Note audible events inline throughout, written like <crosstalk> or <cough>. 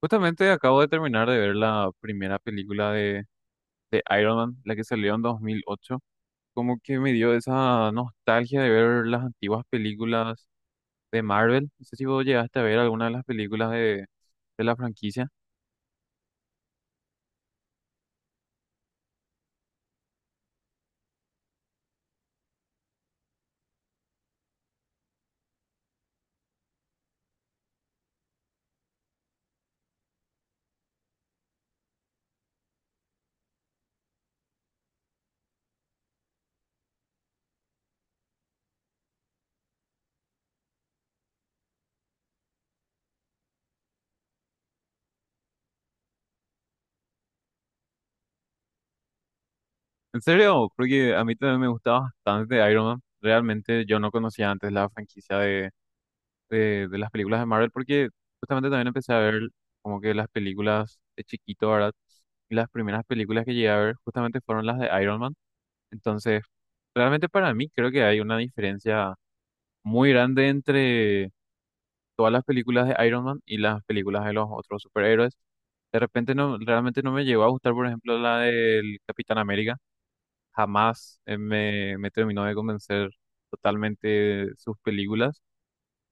Justamente acabo de terminar de ver la primera película de Iron Man, la que salió en 2008. Como que me dio esa nostalgia de ver las antiguas películas de Marvel. No sé si vos llegaste a ver alguna de las películas de la franquicia. En serio, porque a mí también me gusta bastante Iron Man. Realmente yo no conocía antes la franquicia de las películas de Marvel, porque justamente también empecé a ver como que las películas de chiquito, ¿verdad? Y las primeras películas que llegué a ver justamente fueron las de Iron Man. Entonces, realmente para mí creo que hay una diferencia muy grande entre todas las películas de Iron Man y las películas de los otros superhéroes. De repente no, realmente no me llegó a gustar, por ejemplo, la del Capitán América. Jamás me terminó de convencer totalmente sus películas,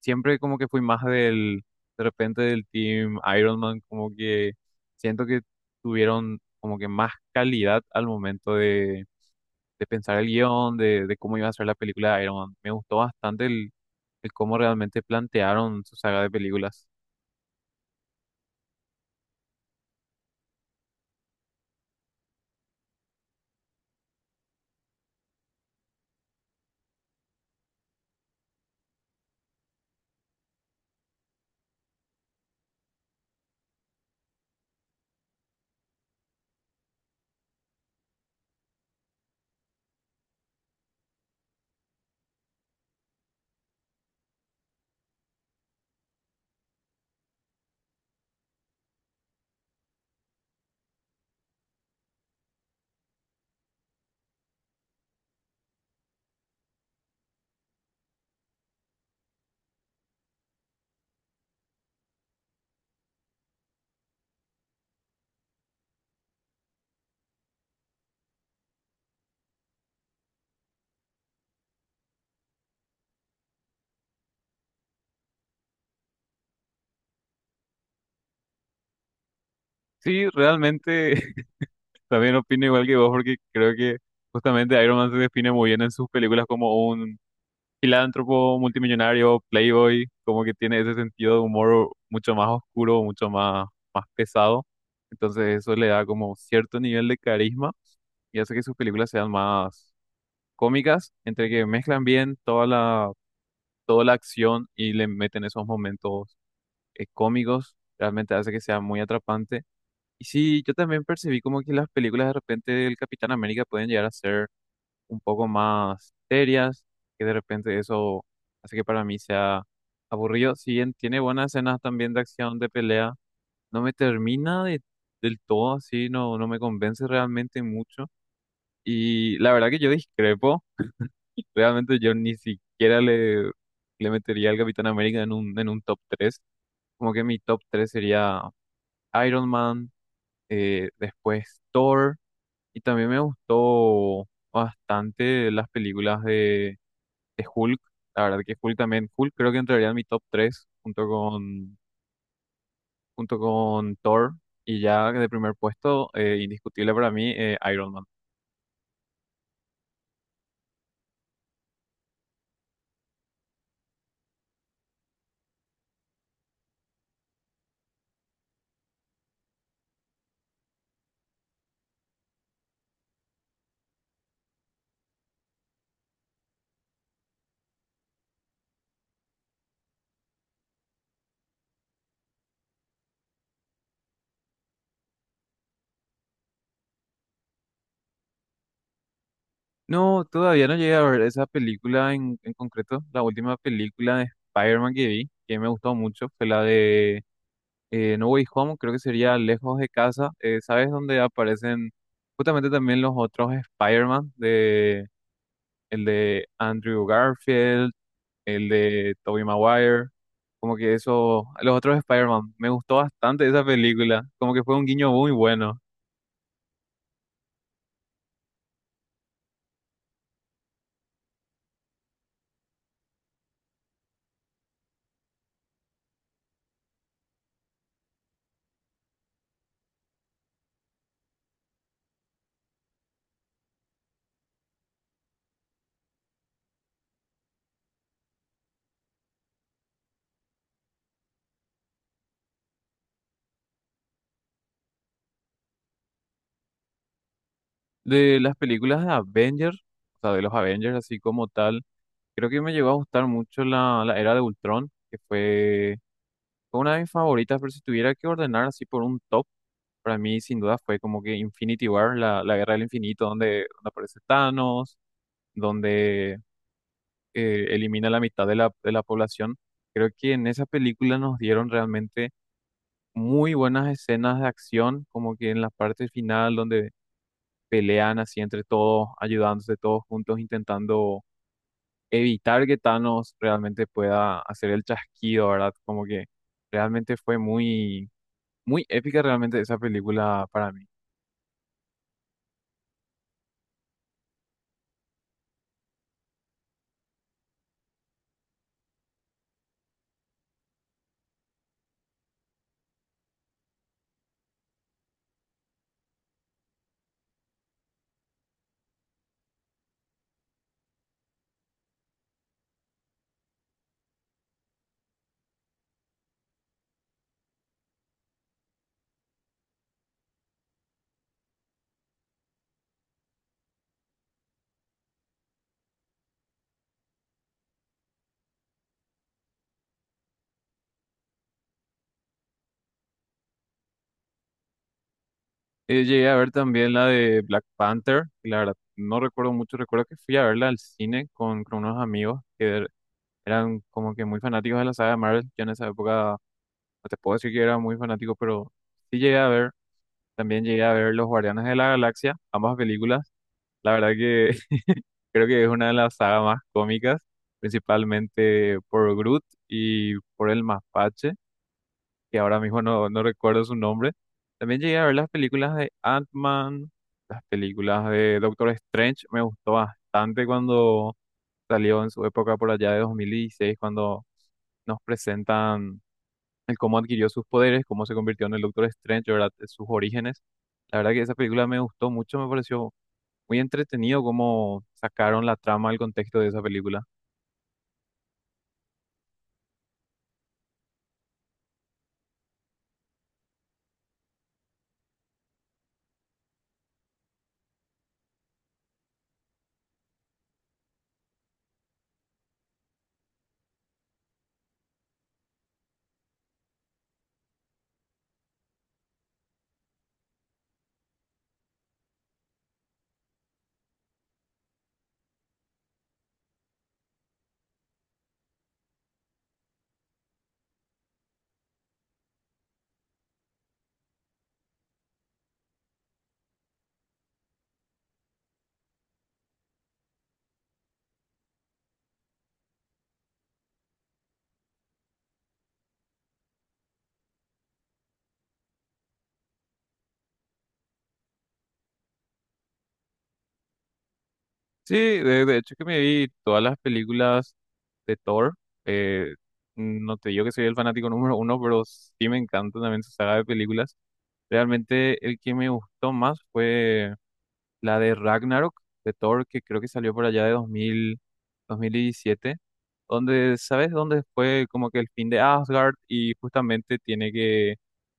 siempre como que fui más del, de repente del team Iron Man, como que siento que tuvieron como que más calidad al momento de pensar el guión, de cómo iba a ser la película de Iron Man. Me gustó bastante el cómo realmente plantearon su saga de películas. Sí, realmente <laughs> también opino igual que vos, porque creo que justamente Iron Man se define muy bien en sus películas como un filántropo, multimillonario, playboy, como que tiene ese sentido de humor mucho más oscuro, mucho más pesado. Entonces eso le da como cierto nivel de carisma y hace que sus películas sean más cómicas, entre que mezclan bien toda la acción y le meten esos momentos cómicos, realmente hace que sea muy atrapante. Y sí, yo también percibí como que las películas de repente del Capitán América pueden llegar a ser un poco más serias, que de repente eso hace que para mí sea aburrido. Si bien tiene buenas escenas también de acción, de pelea, no me termina de, del todo así, no, no me convence realmente mucho. Y la verdad que yo discrepo, realmente yo ni siquiera le metería al Capitán América en un top tres. Como que mi top 3 sería Iron Man, después Thor, y también me gustó bastante las películas de Hulk. La verdad que Hulk también, Hulk creo que entraría en mi top 3 junto con Thor. Y ya de primer puesto, indiscutible para mí, Iron Man. No, todavía no llegué a ver esa película en concreto. La última película de Spider-Man que vi, que me gustó mucho, fue la de No Way Home, creo que sería Lejos de Casa. ¿Sabes dónde aparecen justamente también los otros Spider-Man? El de Andrew Garfield, el de Tobey Maguire, como que eso, los otros Spider-Man, me gustó bastante esa película, como que fue un guiño muy bueno. De las películas de Avengers, o sea, de los Avengers así como tal, creo que me llegó a gustar mucho la, la Era de Ultron, que fue una de mis favoritas, pero si tuviera que ordenar así por un top, para mí sin duda fue como que Infinity War, la, la Guerra del Infinito, donde, donde aparece Thanos, donde elimina la mitad de la población. Creo que en esa película nos dieron realmente muy buenas escenas de acción, como que en la parte final donde pelean así entre todos, ayudándose todos juntos, intentando evitar que Thanos realmente pueda hacer el chasquido, ¿verdad? Como que realmente fue muy, muy épica realmente esa película para mí. Llegué a ver también la de Black Panther, y la verdad no recuerdo mucho, recuerdo que fui a verla al cine con unos amigos que eran como que muy fanáticos de la saga de Marvel. Yo en esa época, no te puedo decir que era muy fanático, pero sí llegué a ver. También llegué a ver Los Guardianes de la Galaxia, ambas películas. La verdad que <laughs> creo que es una de las sagas más cómicas, principalmente por Groot y por el mapache, que ahora mismo no, no recuerdo su nombre. También llegué a ver las películas de Ant-Man, las películas de Doctor Strange. Me gustó bastante cuando salió en su época por allá de 2016, cuando nos presentan el cómo adquirió sus poderes, cómo se convirtió en el Doctor Strange, ¿verdad? Sus orígenes. La verdad que esa película me gustó mucho, me pareció muy entretenido cómo sacaron la trama, el contexto de esa película. Sí, de hecho que me vi todas las películas de Thor. eh, no te digo que soy el fanático <laughs> número uno, pero sí me encanta también su saga de películas. Realmente el que me gustó más fue la de Ragnarok, de Thor, que creo que salió por allá de 2000, 2017. ¿Sabes dónde fue como que el fin de Asgard y justamente tiene que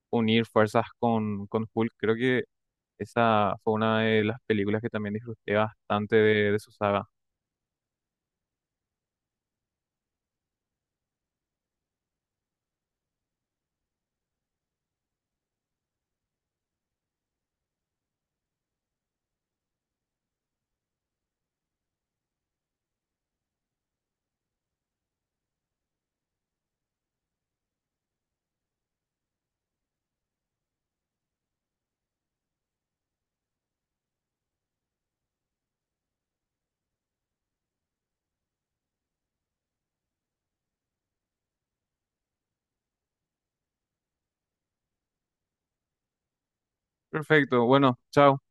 unir fuerzas con Hulk? Creo que esa fue una de las películas que también disfruté bastante de su saga. Perfecto, bueno, chao.